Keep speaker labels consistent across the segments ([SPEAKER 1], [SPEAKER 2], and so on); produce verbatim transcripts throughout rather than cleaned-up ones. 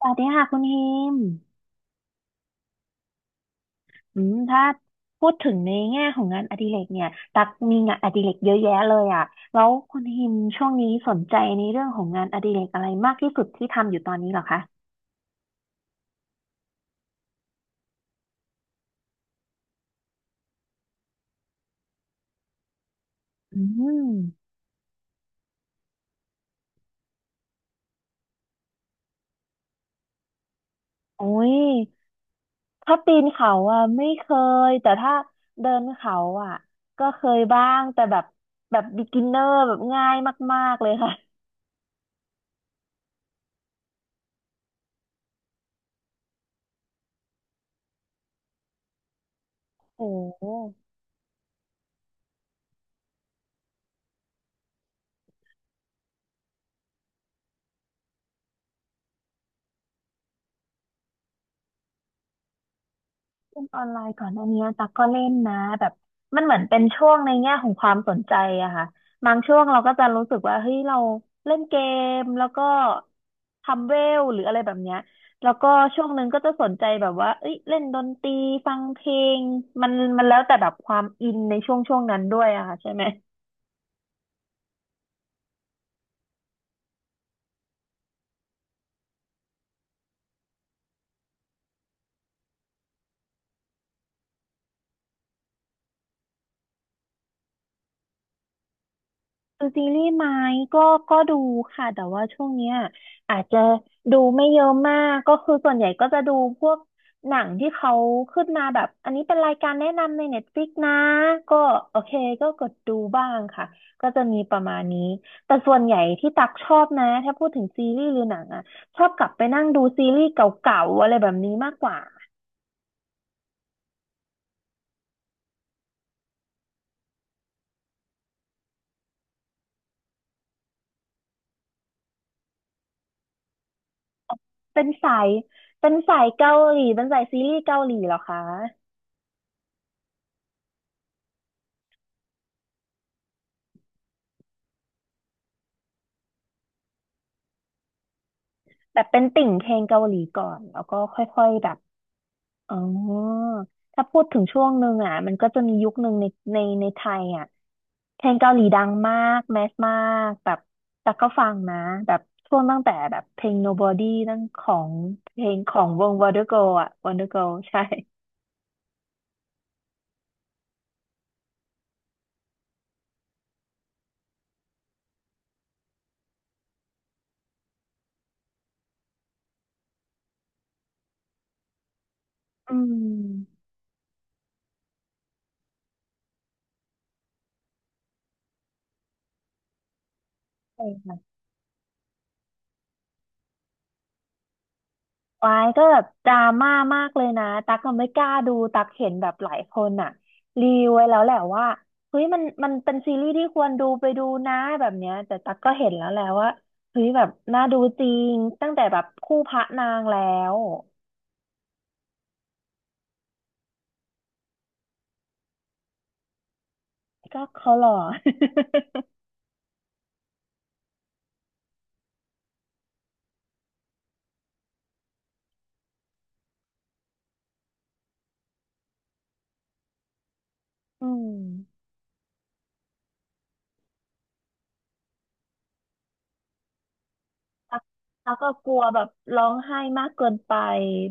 [SPEAKER 1] สวัสดีค่ะคุณฮิมอืมถ้าพูดถึงในแง่ของงานอดิเรกเนี่ยตักมีงานอดิเรกเยอะแยะเลยอ่ะแล้วคุณฮิมช่วงนี้สนใจในเรื่องของงานอดิเรกอะไรมากที่สุดที่ทำอยู่ตอนนี้เหรอคะอืมโอ้ยถ้าปีนเขาอ่ะไม่เคยแต่ถ้าเดินเขาอ่ะก็เคยบ้างแต่แบบแบบ beginner แบบง่ายมากๆเลยค่ะโอ้ เล่นออนไลน์ก่อนหน้านี้ตักก็เล่นนะแบบมันเหมือนเป็นช่วงในแง่ของความสนใจอะค่ะบางช่วงเราก็จะรู้สึกว่าเฮ้ยเราเล่นเกมแล้วก็ทำเวลหรืออะไรแบบเนี้ยแล้วก็ช่วงหนึ่งก็จะสนใจแบบว่าเอ้ยเล่นดนตรีฟังเพลงมันมันแล้วแต่แบบความอินในช่วงช่วงนั้นด้วยอะค่ะใช่ไหม ดูซีรีส์ไหมก็ก็ดูค่ะแต่ว่าช่วงเนี้ยอาจจะดูไม่เยอะมากก็คือส่วนใหญ่ก็จะดูพวกหนังที่เขาขึ้นมาแบบอันนี้เป็นรายการแนะนำใน Netflix นะก็โอเคก็กดดูบ้างค่ะก็จะมีประมาณนี้แต่ส่วนใหญ่ที่ตักชอบนะถ้าพูดถึงซีรีส์หรือหนังอ่ะชอบกลับไปนั่งดูซีรีส์เก่าๆอะไรแบบนี้มากกว่าเป็นสายเป็นสายเกาหลีเป็นสายซีรีส์เกาหลีเหรอคะ แบบเป็นติ่งเพลงเกาหลีก่อนแล้วก็ค่อยๆแบบอ๋อถ้าพูดถึงช่วงหนึ่งอ่ะมันก็จะมียุคหนึ่งในในในไทยอ่ะเพลงเกาหลีดังมากแมสมากแบบแต่ก็ฟังนะแบบช่วงตั้งแต่แบบเพลง Nobody นั่นของเพลงของวง Wonder Girl อ่ะ Wonder Girl ใช่อืม วายก็แบบดราม่ามากเลยนะตักก็ไม่กล้าดูตักเห็นแบบหลายคนอ่ะรีวิวไว้แล้วแหละว่าเฮ้ยมันมันเป็นซีรีส์ที่ควรดูไปดูนะแบบเนี้ยแต่ตักก็เห็นแล้วแหละว่าเฮ้ยแบบน่าดูจริงตั้งแต่แบบคู่พระนางแล้วก็เขาหล่อ อืม ตั๊กตั๊กก็กลัวแบบร้องไห้มากเกินไป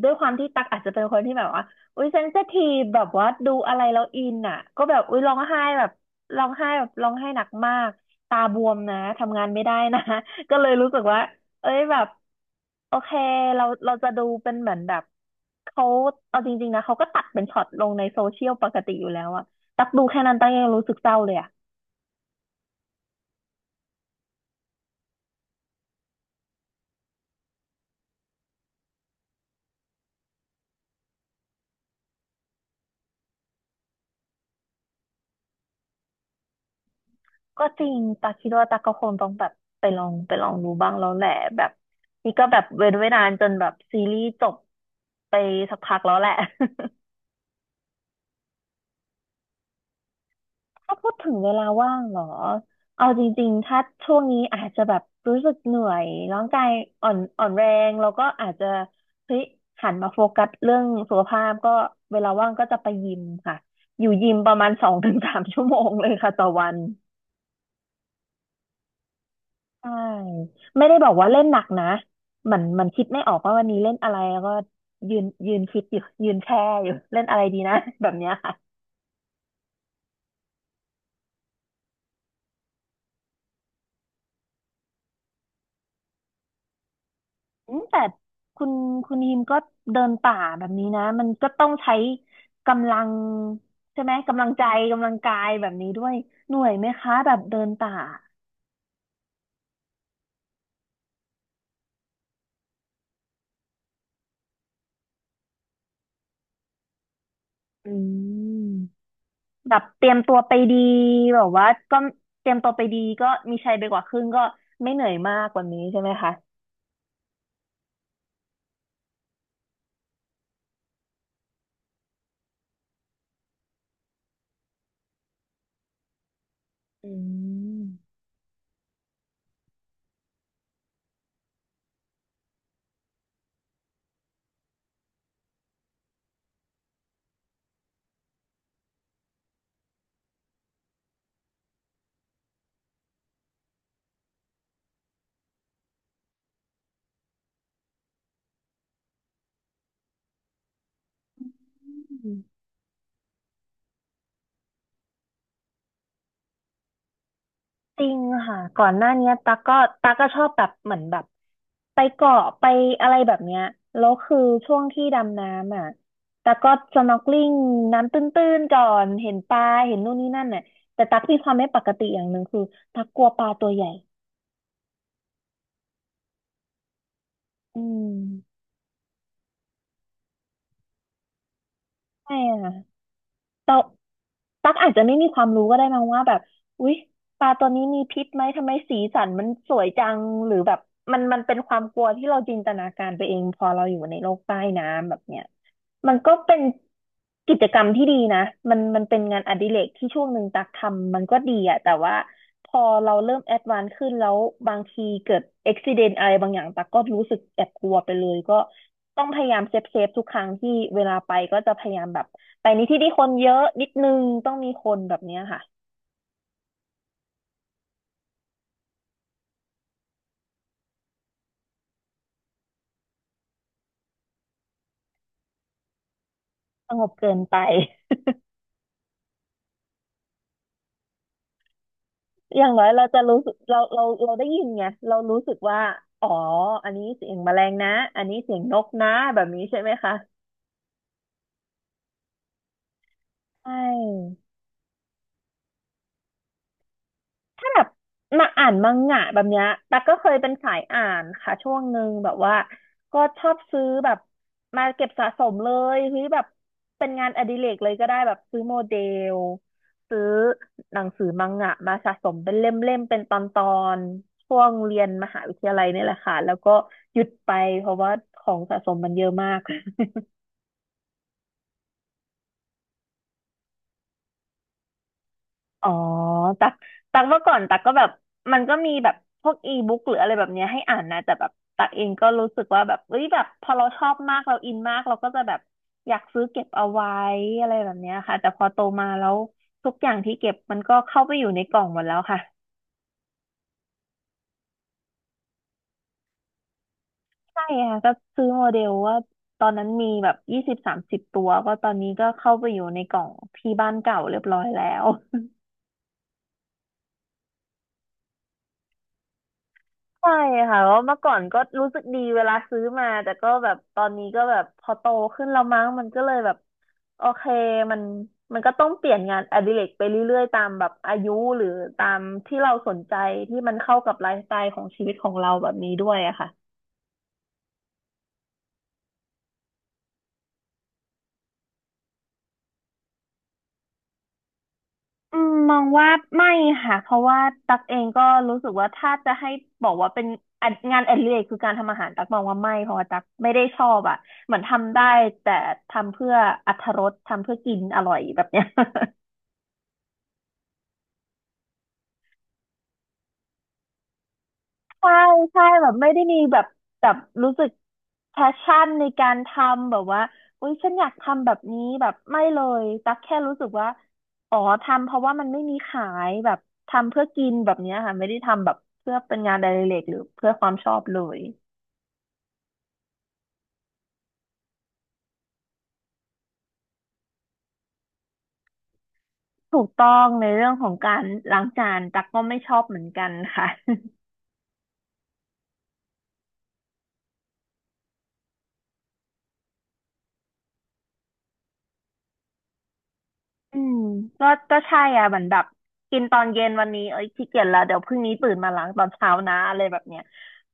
[SPEAKER 1] ด้วยความที่ตั๊กอาจจะเป็นคนที่แบบว่าอุ้ยเซนซิทีฟแบบว่าดูอะไรแล้วอินอ่ะก็แบบอุ้ยร้องไห้แบบร้องไห้แบบร้องไห้หนักมากตาบวมนะทำงานไม่ได้นะ ก็เลยรู้สึกว่าเอ้ยแบบโอเคเราเราจะดูเป็นเหมือนแบบเขาเอาจริงๆนะเขาก็ตัดเป็นช็อตลงในโซเชียลปกติอยู่แล้วอะตักดูแค่นั้นตักยังรู้สึกเศร้าเลยอะ ก็จริงตาคิดว่าตาก็คงต้องแบบไปลองไปลองดูบ้างแล้วแหละแบบนี่ก็แบบเว้นไว้นานจนแบบซีรีส์จบไปสักพักแล้วแหละ ถ้าพูดถึงเวลาว่างเหรอเอาจริงๆถ้าช่วงนี้อาจจะแบบรู้สึกเหนื่อยร่างกายอ่อนอ่อนแรงแล้วก็อาจจะเฮ้ยหันมาโฟกัสเรื่องสุขภาพก็เวลาว่างก็จะไปยิมค่ะอยู่ยิมประมาณสองถึงสามชั่วโมงเลยค่ะต่อวัน ใช่ไม่ได้บอกว่าเล่นหนักนะเหมือนเหมันคิดไม่ออกว่าวันนี้เล่นอะไรแล้วก็ยืนยืนคิดอยู่ยืนแช่อยู่เล่นอะไรดีนะ แบบเนี้ยค่ะอืมแต่คุณคุณฮิมก็เดินป่าแบบนี้นะมันก็ต้องใช้กำลังใช่ไหมกำลังใจกำลังกายแบบนี้ด้วยเหนื่อยไหมคะแบบเดินป่าอืมแบบเตรียมตัวไปดีแบบว่าก็เตรียมตัวไปดีก็มีชัยไปกว่าครึ่งก็ไม่เหนื่อยมากกว่านี้ใช่ไหมคะอืม จริงค่ะก่อนหน้าเนี้ยตั๊กก็ตั๊กก็ชอบแบบเหมือนแบบไปเกาะไปอะไรแบบเนี้ยแล้วคือช่วงที่ดำน้ำอ่ะตั๊กก็สน็อก อี แอล ไอ เอ็น น้ำตื้นๆก่อนเห็นปลาเห็นนู่นนี่นั่นน่ะแต่ตั๊กมีความไม่ปกติอย่างหนึ่งคือตั๊กกลัวปลาตัวใหญ่อืมใช่ค่ะ ตั๊กอาจจะไม่มีความรู้ก็ได้มั้งว่าแบบอุ๊ยปลาตัวนี้มีพิษไหมทำไมสีสันมันสวยจังหรือแบบมันมันเป็นความกลัวที่เราจินตนาการไปเองพอเราอยู่ในโลกใต้น้ำแบบเนี้ยมันก็เป็นกิจกรรมที่ดีนะมันมันเป็นงานอดิเรกที่ช่วงหนึ่งตักทำมันก็ดีอะแต่ว่าพอเราเริ่มแอดวานซ์ขึ้นแล้วบางทีเกิดอุบิเหตุอะไรบางอย่างตักก็รู้สึกแอบกลัวไปเลยก็ต้องพยายามเซฟเซฟทุกครั้งที่เวลาไปก็จะพยายามแบบ แต่นี้ที่ที่คนเยอะนิดนึงต้องมีคนแบบเนี้ยค่ะสงบเกินไป อย่างน้อยเราจะรู้สึกเราเราเราได้ยินไงเรารู้สึกว่าอ๋ออันนี้เสียงแมลงนะอันนี้เสียงนกนะแบบนี้ใช่ไหมคะใช่ ถ้าแบบมาอ่านมังงะแบบเนี้ยตั๊กก็เคยเป็นสายอ่านค่ะช่วงหนึ่งแบบว่าก็ชอบซื้อแบบมาเก็บสะสมเลยเฮ้ยแบบเป็นงานอดิเรกเลยก็ได้แบบซื้อโมเดลซื้อหนังสือมังงะมาสะสมเป็นเล่มๆเป็นตอนๆช่วงเรียนมหาวิทยาลัยนี่แหละค่ะแล้วก็หยุดไปเพราะว่าของสะสมมันเยอะมาก อ๋อตักตักเมื่อก่อนตักก็แบบมันก็มีแบบพวกอีบุ๊กหรืออะไรแบบเนี้ยให้อ่านนะแต่แบบตักเองก็รู้สึกว่าแบบเอ้ยแบบพอเราชอบมากเราอินมากเราก็จะแบบอยากซื้อเก็บเอาไว้อะไรแบบเนี้ยค่ะแต่พอโตมาแล้วทุกอย่างที่เก็บมันก็เข้าไปอยู่ในกล่องหมดแล้วค่ะใช่ค่ะก็ซื้อโมเดลว่าตอนนั้นมีแบบยี่สิบสามสิบตัวก็ตอนนี้ก็เข้าไปอยู่ในกล่องที่บ้านเก่าเรียบร้อยแล้ว ใช่ค่ะเพราะเมื่อก่อนก็รู้สึกดีเวลาซื้อมา แต่ก็แบบตอนนี้ก็แบบพอโตขึ้นแล้วมั้งมันก็เลยแบบโอเคมันมันก็ต้องเปลี่ยนงานอดิเรกไปเรื่อยๆตามแบบอายุหรือตามที่เราสนใจที่มันเข้ากับไลฟ์สไตล์ของชีวิตของเราแบบนี้ด้วยอะค่ะ อืมมองว่าไม่ค่ะเพราะว่าตักเองก็รู้สึกว่าถ้าจะให้บอกว่าเป็นอะงานอดิเรกคือการทำอาหารตักมองว่าไม่เพราะว่าตักไม่ได้ชอบอ่ะเหมือนทำได้แต่ทำเพื่ออรรถรสทำเพื่อกินอร่อยแบบเนี้ย ใช่ใช่แบบไม่ได้มีแบบแบบรู้สึกแพชชั่นในการทำแบบว่าอุ๊ยฉันอยากทำแบบนี้แบบไม่เลยตักแค่รู้สึกว่าอ๋อทำเพราะว่ามันไม่มีขายแบบทำเพื่อกินแบบเนี้ยค่ะไม่ได้ทำแบบเพื่อเป็นงานอดิเรกหรือเพื่อความชอบเลยถูกต้องในเรื่องของการล้างจานตักก็ไม่ชอบเหมือนกันค่ะ อืมก็ก็ใช่อ่ะเหมือนแบบกินตอนเย็นวันนี้เอ้ยขี้เกียจแล้วเดี๋ยวพรุ่งนี้ตื่นมาล้างตอนเช้านะอะไรแบบเนี้ย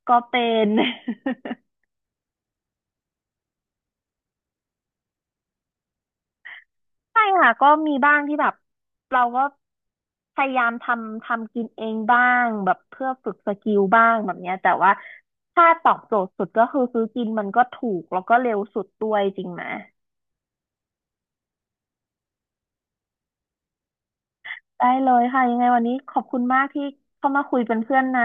[SPEAKER 1] ก็เป็น ใช่ค่ะก็มีบ้างที่แบบเราก็พยายามทำทำกินเองบ้างแบบเพื่อฝึกสกิลบ้างแบบเนี้ยแต่ว่าถ้าตอบโจทย์สุดก็คือซื้อกินมันก็ถูกแล้วก็เร็วสุดด้วยจริงไหมได้เลยค่ะยังไงวันนี้ขอบคุณมากที่เข้ามาคุยเป็นเพื่อนนะ